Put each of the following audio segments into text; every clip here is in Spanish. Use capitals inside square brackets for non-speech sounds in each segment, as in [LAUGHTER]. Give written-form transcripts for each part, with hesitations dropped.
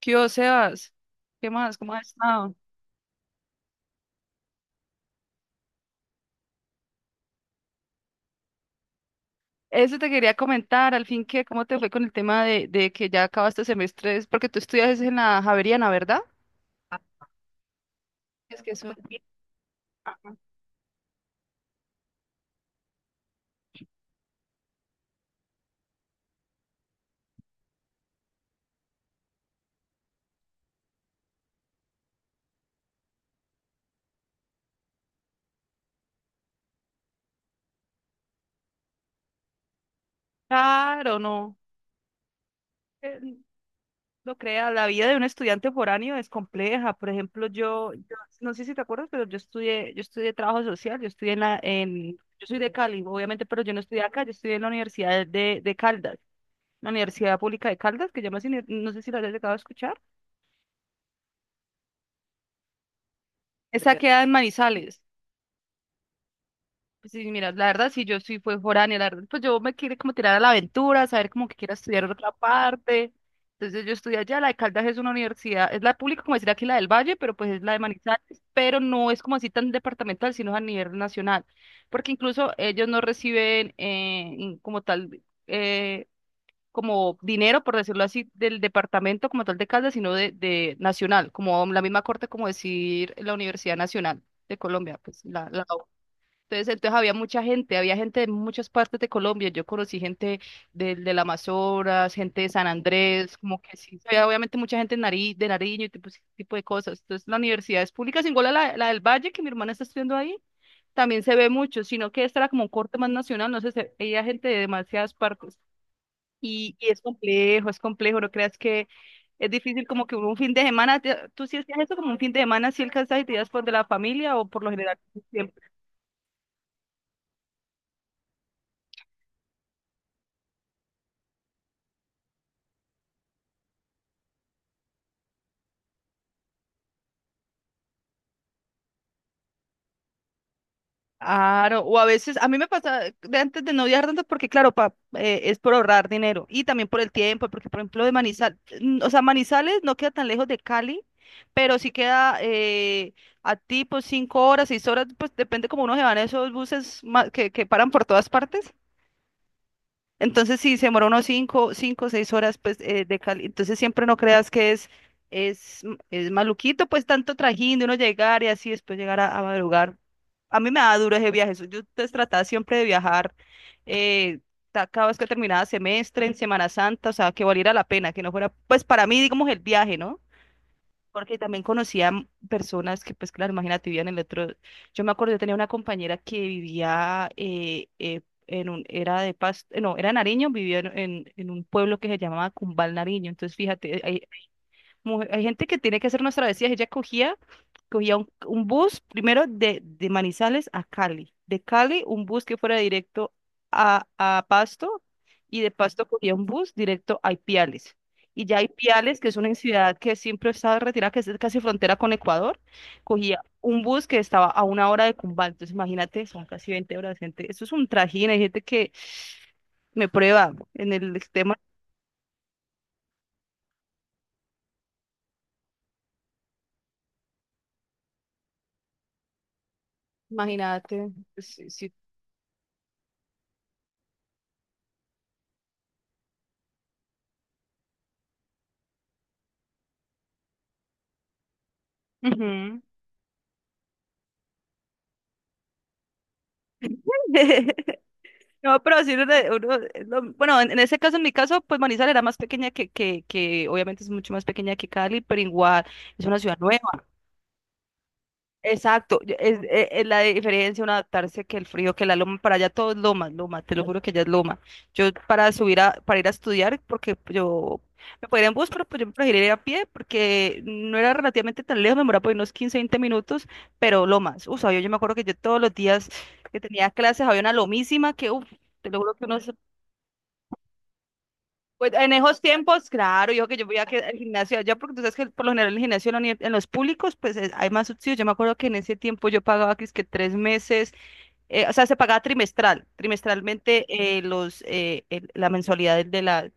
¿Qué hubo, Sebas? ¿Qué más? ¿Cómo has estado? Eso te quería comentar, al fin que, ¿cómo te fue con el tema de que ya acabaste semestre? Es porque tú estudias en la Javeriana, ¿verdad? Es que eso es bien caro, ¿no? eh, No creas, la vida de un estudiante foráneo es compleja. Por ejemplo, no sé si te acuerdas, pero yo estudié trabajo social, yo estudié en la, yo soy de Cali, obviamente, pero yo no estudié acá, yo estudié en la Universidad de Caldas, la Universidad Pública de Caldas, que llamas, no sé si la hayas llegado a escuchar. Esa queda en Manizales. Pues sí, mira, la verdad, si yo sí fue foránea, la verdad, pues yo me quiero como tirar a la aventura, saber como que quiero estudiar en otra parte. Entonces yo estudié allá, la de Caldas es una universidad, es la pública, como decir aquí la del Valle, pero pues es la de Manizales, pero no es como así tan departamental, sino es a nivel nacional, porque incluso ellos no reciben como tal, como dinero, por decirlo así, del departamento como tal de Caldas, sino de nacional, como la misma corte como decir la Universidad Nacional de Colombia, pues la entonces había mucha gente, había gente de muchas partes de Colombia. Yo conocí gente del Amazonas, gente de San Andrés, como que sí, había obviamente mucha gente de Nariño y tipo, ese tipo de cosas. Entonces, la universidad es pública, sin la del Valle, que mi hermana está estudiando ahí, también se ve mucho, sino que esta era como un corte más nacional, no sé, había gente de demasiadas partes. Y es complejo, no creas que es difícil como que un fin de semana, tú sí hacías eso como un fin de semana, si alcanzas y te ibas por de la familia o por lo general. Claro, o a veces, a mí me pasa de antes de no viajar tanto porque, claro, pa, es por ahorrar dinero y también por el tiempo, porque, por ejemplo, de Manizales, o sea, Manizales no queda tan lejos de Cali, pero sí queda a tipo 5 horas, 6 horas, pues depende como uno se van esos buses que paran por todas partes. Entonces, si se demora unos 5, 5, 6 horas, pues, de cali. Entonces, siempre no creas que es maluquito, pues, tanto trajín de uno llegar y así después llegar a madrugar. A mí me da duro ese viaje. Yo pues, trataba siempre de viajar eh, cada vez que terminaba semestre, en Semana Santa, o sea, que valiera la pena, que no fuera, pues, para mí, digamos, el viaje, ¿no? Porque también conocía personas que, pues claro, imagínate, vivían en el otro. Yo me acuerdo, yo tenía una compañera que vivía en un, era de Pasto, no, era Nariño, vivía en un pueblo que se llamaba Cumbal Nariño. Entonces, fíjate, hay gente que tiene que hacer unas travesías. Ella cogía, cogía un bus primero de Manizales a Cali. De Cali, un bus que fuera directo a Pasto. Y de Pasto cogía un bus directo a Ipiales. Y ya Ipiales, que es una ciudad que siempre estaba retirada, que es casi frontera con Ecuador, cogía un bus que estaba a una hora de Cumbal. Entonces, imagínate, son casi 20 horas, gente. Eso es un trajín. Hay gente que me prueba en el tema. Imagínate. Sí, sí. Ujú. [LAUGHS] No, pero sí, uno, uno es bueno, en ese caso, en mi caso, pues Manizales era más pequeña que, obviamente es mucho más pequeña que Cali, pero igual es una ciudad nueva. Exacto, es la diferencia un adaptarse que el frío, que la loma, para allá todo es loma, loma, te lo juro que ya es loma. Yo para subir para ir a estudiar, porque yo me podía ir en bus, pero pues yo prefería ir a pie, porque no era relativamente tan lejos, me demoraba por unos 15, 20 minutos, pero lomas, uff, yo me acuerdo que yo todos los días que tenía clases había una lomísima que, uff, te lo juro que uno se pues en esos tiempos, claro, yo que yo voy a que al gimnasio allá, porque tú sabes que por lo general el gimnasio en la en los públicos, pues hay más subsidios. Yo me acuerdo que en ese tiempo yo pagaba que es que 3 meses, o sea, se pagaba trimestralmente la mensualidad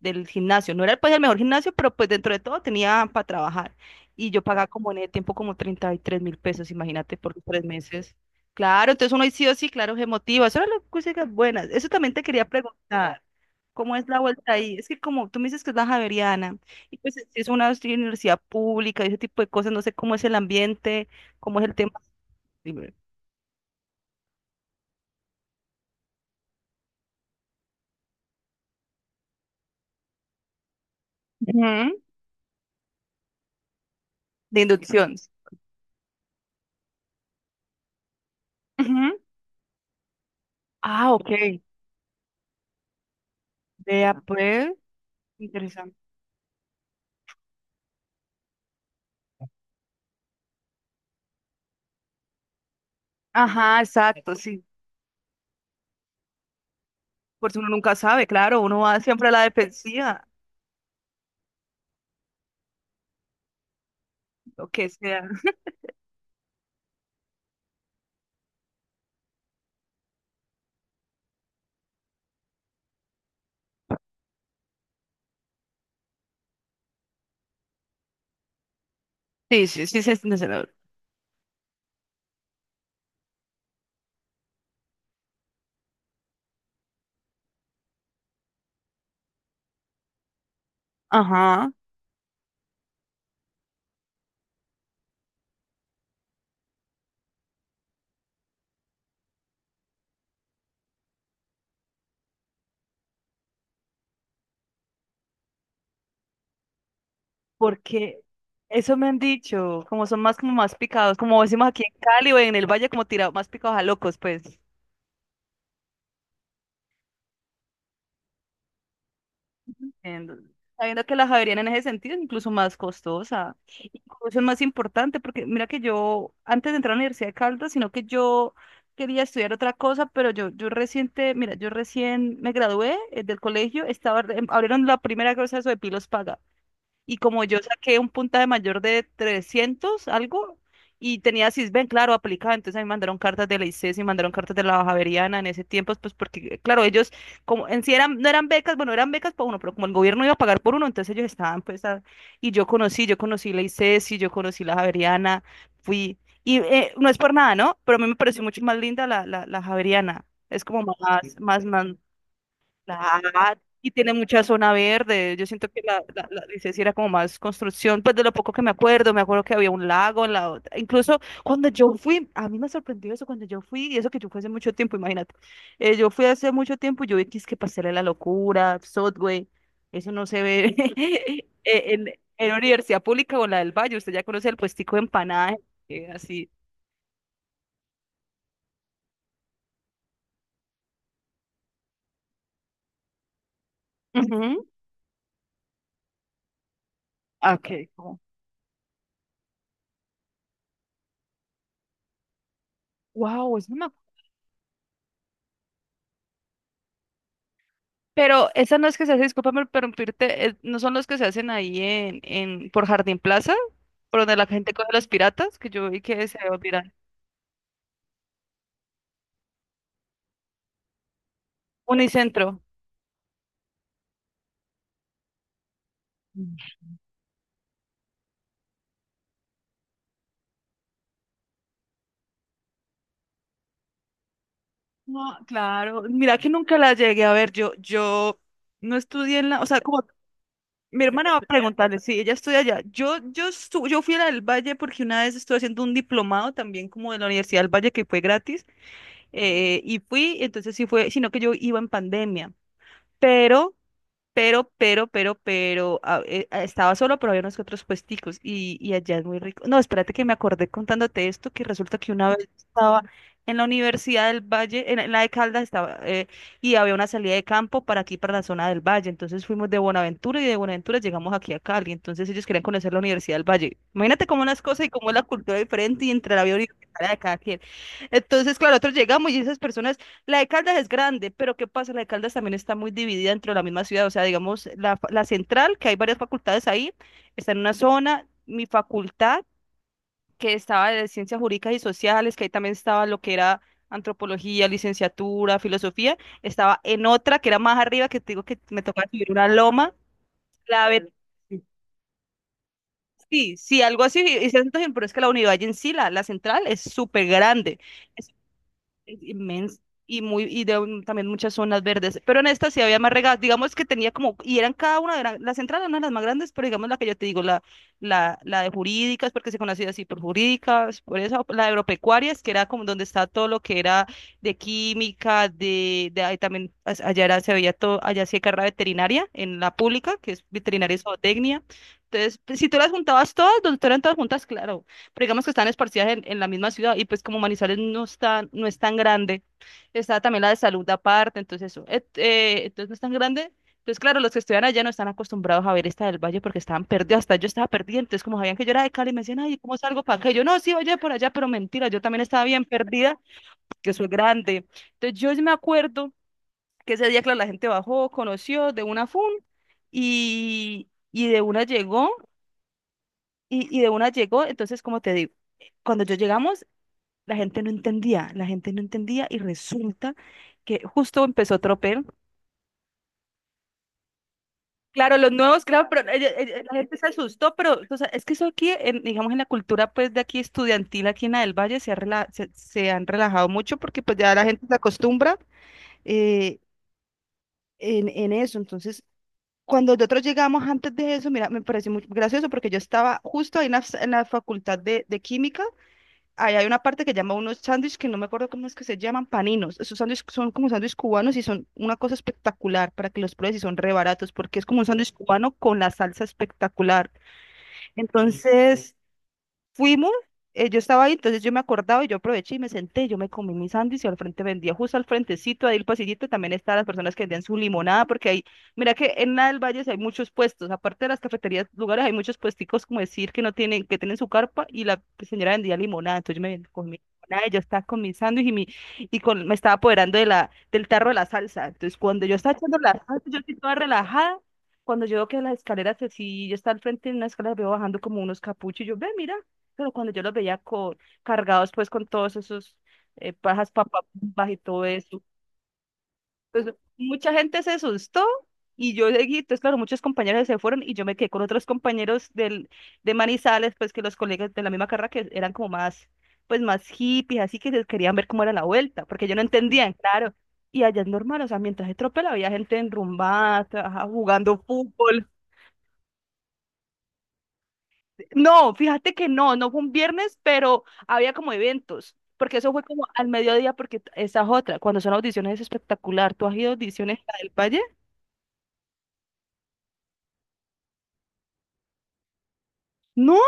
del gimnasio. No era pues el mejor gimnasio, pero pues dentro de todo tenía para trabajar. Y yo pagaba como en el tiempo como 33.000 pesos, imagínate, por 3 meses. Claro, entonces uno sí o sí, claro, se motiva. Eso eran las cosas buenas. Eso también te quería preguntar. ¿Cómo es la vuelta ahí? Es que como tú me dices que es la Javeriana, y pues es una universidad pública y ese tipo de cosas, no sé cómo es el ambiente, cómo es el tema de Ujú, de inducción. Ujú. Ah, ok. Vea, pues, interesante. Ajá, exacto, sí. Porque uno nunca sabe, claro, uno va siempre a la defensiva, lo que sea. Sí, sí, sí, sí, sí, sí, no. Ajá, porque eso me han dicho, como son más como más picados, como decimos aquí en Cali o en el Valle, como tirados, más picados a locos, pues. Entiendo. Sabiendo que la Javeriana en ese sentido es incluso más costosa, incluso es más importante, porque mira que yo, antes de entrar a la Universidad de Caldas, sino que yo quería estudiar otra cosa, pero yo reciente, mira, yo recién me gradué del colegio, estaba, abrieron la primera cosa de eso de Pilos Paga, y como yo saqué un puntaje mayor de 300 algo, y tenía sisben claro, aplicada, entonces a mí me mandaron cartas de la ICES y mandaron cartas de la Baja Javeriana en ese tiempo, pues porque, claro, ellos, como en sí eran, no eran becas, bueno, eran becas para uno, pero como el gobierno iba a pagar por uno, entonces ellos estaban, pues, y yo conocí la ICES y yo conocí la Javeriana, fui, y no es por nada, ¿no? Pero a mí me pareció mucho más linda la Javeriana, es como más, más, más. Claro, y tiene mucha zona verde. Yo siento que la licencia era como más construcción, pues de lo poco que me acuerdo que había un lago en la otra. Incluso cuando yo fui, a mí me sorprendió eso cuando yo fui, y eso que yo fui hace mucho tiempo, imagínate. Yo fui hace mucho tiempo, y yo vi que es que Pastel de la Locura, Subway, eso no se ve [LAUGHS] en la universidad pública o en la del Valle. Usted ya conoce el puestico de empanadas, así. Ujú. Ok. Wow, eso no me pero esas no es que se hace, discúlpame por interrumpirte, no son los que se hacen ahí en por Jardín Plaza, por donde la gente coge los piratas, que yo vi que se olvidan. Unicentro. No, claro. Mira que nunca la llegué a ver. Yo no estudié en la, o sea, como mi hermana va a preguntarle, sí, ella estudia allá. Yo fui a la del Valle porque una vez estuve haciendo un diplomado también como de la Universidad del Valle que fue gratis, y fui, entonces sí fue, sino que yo iba en pandemia. Pero estaba solo, pero había unos que otros puesticos y allá es muy rico. No, espérate que me acordé contándote esto, que resulta que una vez estaba en la Universidad del Valle, en la de Caldas estaba, y había una salida de campo para aquí, para la zona del Valle. Entonces fuimos de Buenaventura y de Buenaventura llegamos aquí a Cali. Entonces ellos querían conocer la Universidad del Valle. Imagínate cómo las cosas y cómo es la cultura diferente y entre la vida universitaria de cada quien. Entonces, claro, nosotros llegamos y esas personas la de Caldas es grande, pero ¿qué pasa? La de Caldas también está muy dividida dentro de la misma ciudad. O sea, digamos, la central, que hay varias facultades ahí, está en una zona. Mi facultad, que estaba de ciencias jurídicas y sociales, que ahí también estaba lo que era antropología, licenciatura, filosofía, estaba en otra que era más arriba, que te digo que me tocaba subir una loma. La ve- Sí, sí, algo así. Y se siente, pero es que la unidad en sí, la central, es súper grande. Es inmenso y muy y también muchas zonas verdes, pero en esta sí había más regadas, digamos que tenía como y eran cada una de las entradas una de las más grandes, pero digamos la que yo te digo la de jurídicas, porque se conocía así por jurídicas, por eso la de agropecuarias, que era como donde está todo lo que era de química, de ahí también allá era, se veía todo, allá sí hay carrera veterinaria en la pública, que es veterinaria y zootecnia. Entonces, pues, si tú las juntabas todas, donde tú eran todas juntas, claro, pero digamos que están esparcidas en la misma ciudad, y pues como Manizales no está, no es tan grande, está también la de salud aparte, entonces eso, entonces no es tan grande. Entonces, claro, los que estudian allá no están acostumbrados a ver esta del Valle, porque estaban perdidos, hasta yo estaba perdida. Entonces, como sabían que yo era de Cali, me decían, ay, ¿cómo salgo para acá? Y yo, no, sí, oye, por allá, pero mentira, yo también estaba bien perdida, que soy grande. Entonces, yo sí me acuerdo que ese día, claro, la gente bajó, conoció de una fun y de una llegó, y de una llegó. Entonces, como te digo, cuando yo llegamos, la gente no entendía, la gente no entendía, y resulta que justo empezó Tropel. Claro, los nuevos, claro, pero la gente se asustó. Pero o sea, es que eso aquí, digamos, en la cultura pues de aquí estudiantil, aquí en la del Valle, se, se han relajado mucho, porque pues ya la gente se acostumbra eh, en eso. Entonces, cuando nosotros llegamos antes de eso, mira, me pareció muy gracioso, porque yo estaba justo ahí en la facultad de química. Ahí hay una parte que llama unos sándwiches que no me acuerdo cómo es que se llaman, paninos. Esos sándwiches son como sándwiches cubanos y son una cosa espectacular para que los pruebes, y son re baratos porque es como un sándwich cubano con la salsa espectacular. Entonces, fuimos, yo estaba ahí, entonces yo me acordaba y yo aproveché y me senté, yo me comí mis sándwich y al frente vendía, justo al frentecito, ahí el pasillito, también estaban las personas que vendían su limonada. Porque ahí, mira que en la del Valle sí hay muchos puestos, aparte de las cafeterías, lugares, hay muchos puesticos, como decir, que no tienen, que tienen su carpa, y la señora vendía limonada. Entonces yo comí mi limonada, y yo estaba con mi sándwich y, mi, y con, me estaba apoderando de la, del tarro de la salsa. Entonces, cuando yo estaba echando la salsa, yo estoy toda relajada, cuando yo veo que las escaleras, así, yo estaba al frente de una escalera, veo bajando como unos capuchos, y yo, ve, mira, pero cuando yo los veía cargados pues con todos esos pajas papas y todo eso. Entonces mucha gente se asustó y yo seguí. Entonces, claro, muchos compañeros se fueron y yo me quedé con otros compañeros del, de Manizales, pues que los colegas de la misma carrera, que eran como más, pues más hippies, así, que se querían ver cómo era la vuelta, porque ellos no entendían, claro. Y allá es normal, o sea, mientras se tropela había gente enrumbada, ajá, jugando fútbol. No, fíjate que no, no fue un viernes, pero había como eventos, porque eso fue como al mediodía, porque esa es otra, cuando son audiciones es espectacular. ¿Tú has ido a audiciones a del Valle? No,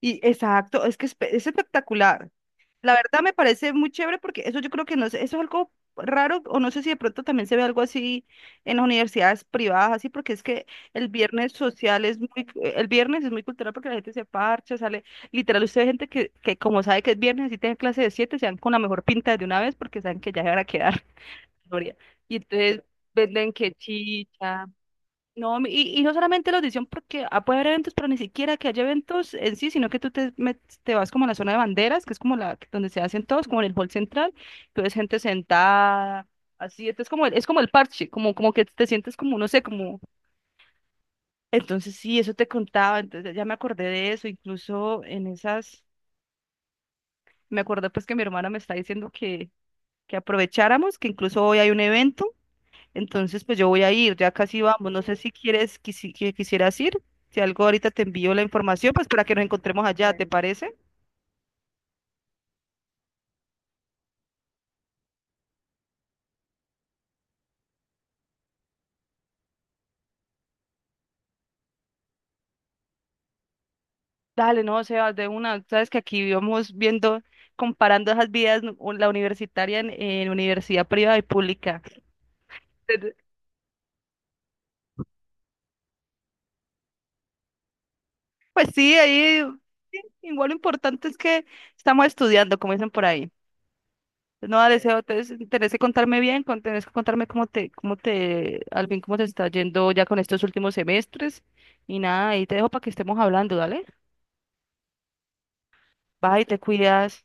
y exacto, es que es, es espectacular. La verdad me parece muy chévere, porque eso yo creo que no sé, eso es algo raro, o no sé si de pronto también se ve algo así en las universidades privadas, así, porque es que el viernes social es muy, el viernes es muy cultural, porque la gente se parcha, sale, literal, usted ve gente que como sabe que es viernes y tiene clase de siete, se dan con la mejor pinta de una vez porque saben que ya se van a quedar, [LAUGHS] Gloria. Y entonces venden que chicha no, y no solamente la audición, porque ah, puede haber eventos, pero ni siquiera que haya eventos en sí, sino que tú te, te vas como a la zona de banderas, que es como la donde se hacen todos, como en el hall central, que ves gente sentada, así. Entonces como es como el parche, como, como que te sientes como, no sé, como, entonces sí, eso te contaba, entonces ya me acordé de eso, incluso en esas, me acordé pues que mi hermana me está diciendo que aprovecháramos, que incluso hoy hay un evento. Entonces, pues yo voy a ir, ya casi vamos. No sé si quieres, que quisieras ir. Si algo ahorita te envío la información, pues para que nos encontremos allá, ¿te parece? Dale, no, Sebas, de una. Sabes que aquí íbamos viendo, comparando esas vidas, la universitaria en universidad privada y pública. Pero, pues sí, ahí sí, igual lo importante es que estamos estudiando, como dicen por ahí. No, deseo, te tenés que contarme bien, tenés que contarme cómo te, al fin cómo te está yendo ya con estos últimos semestres. Y nada, ahí te dejo para que estemos hablando, dale. Bye, te cuidas.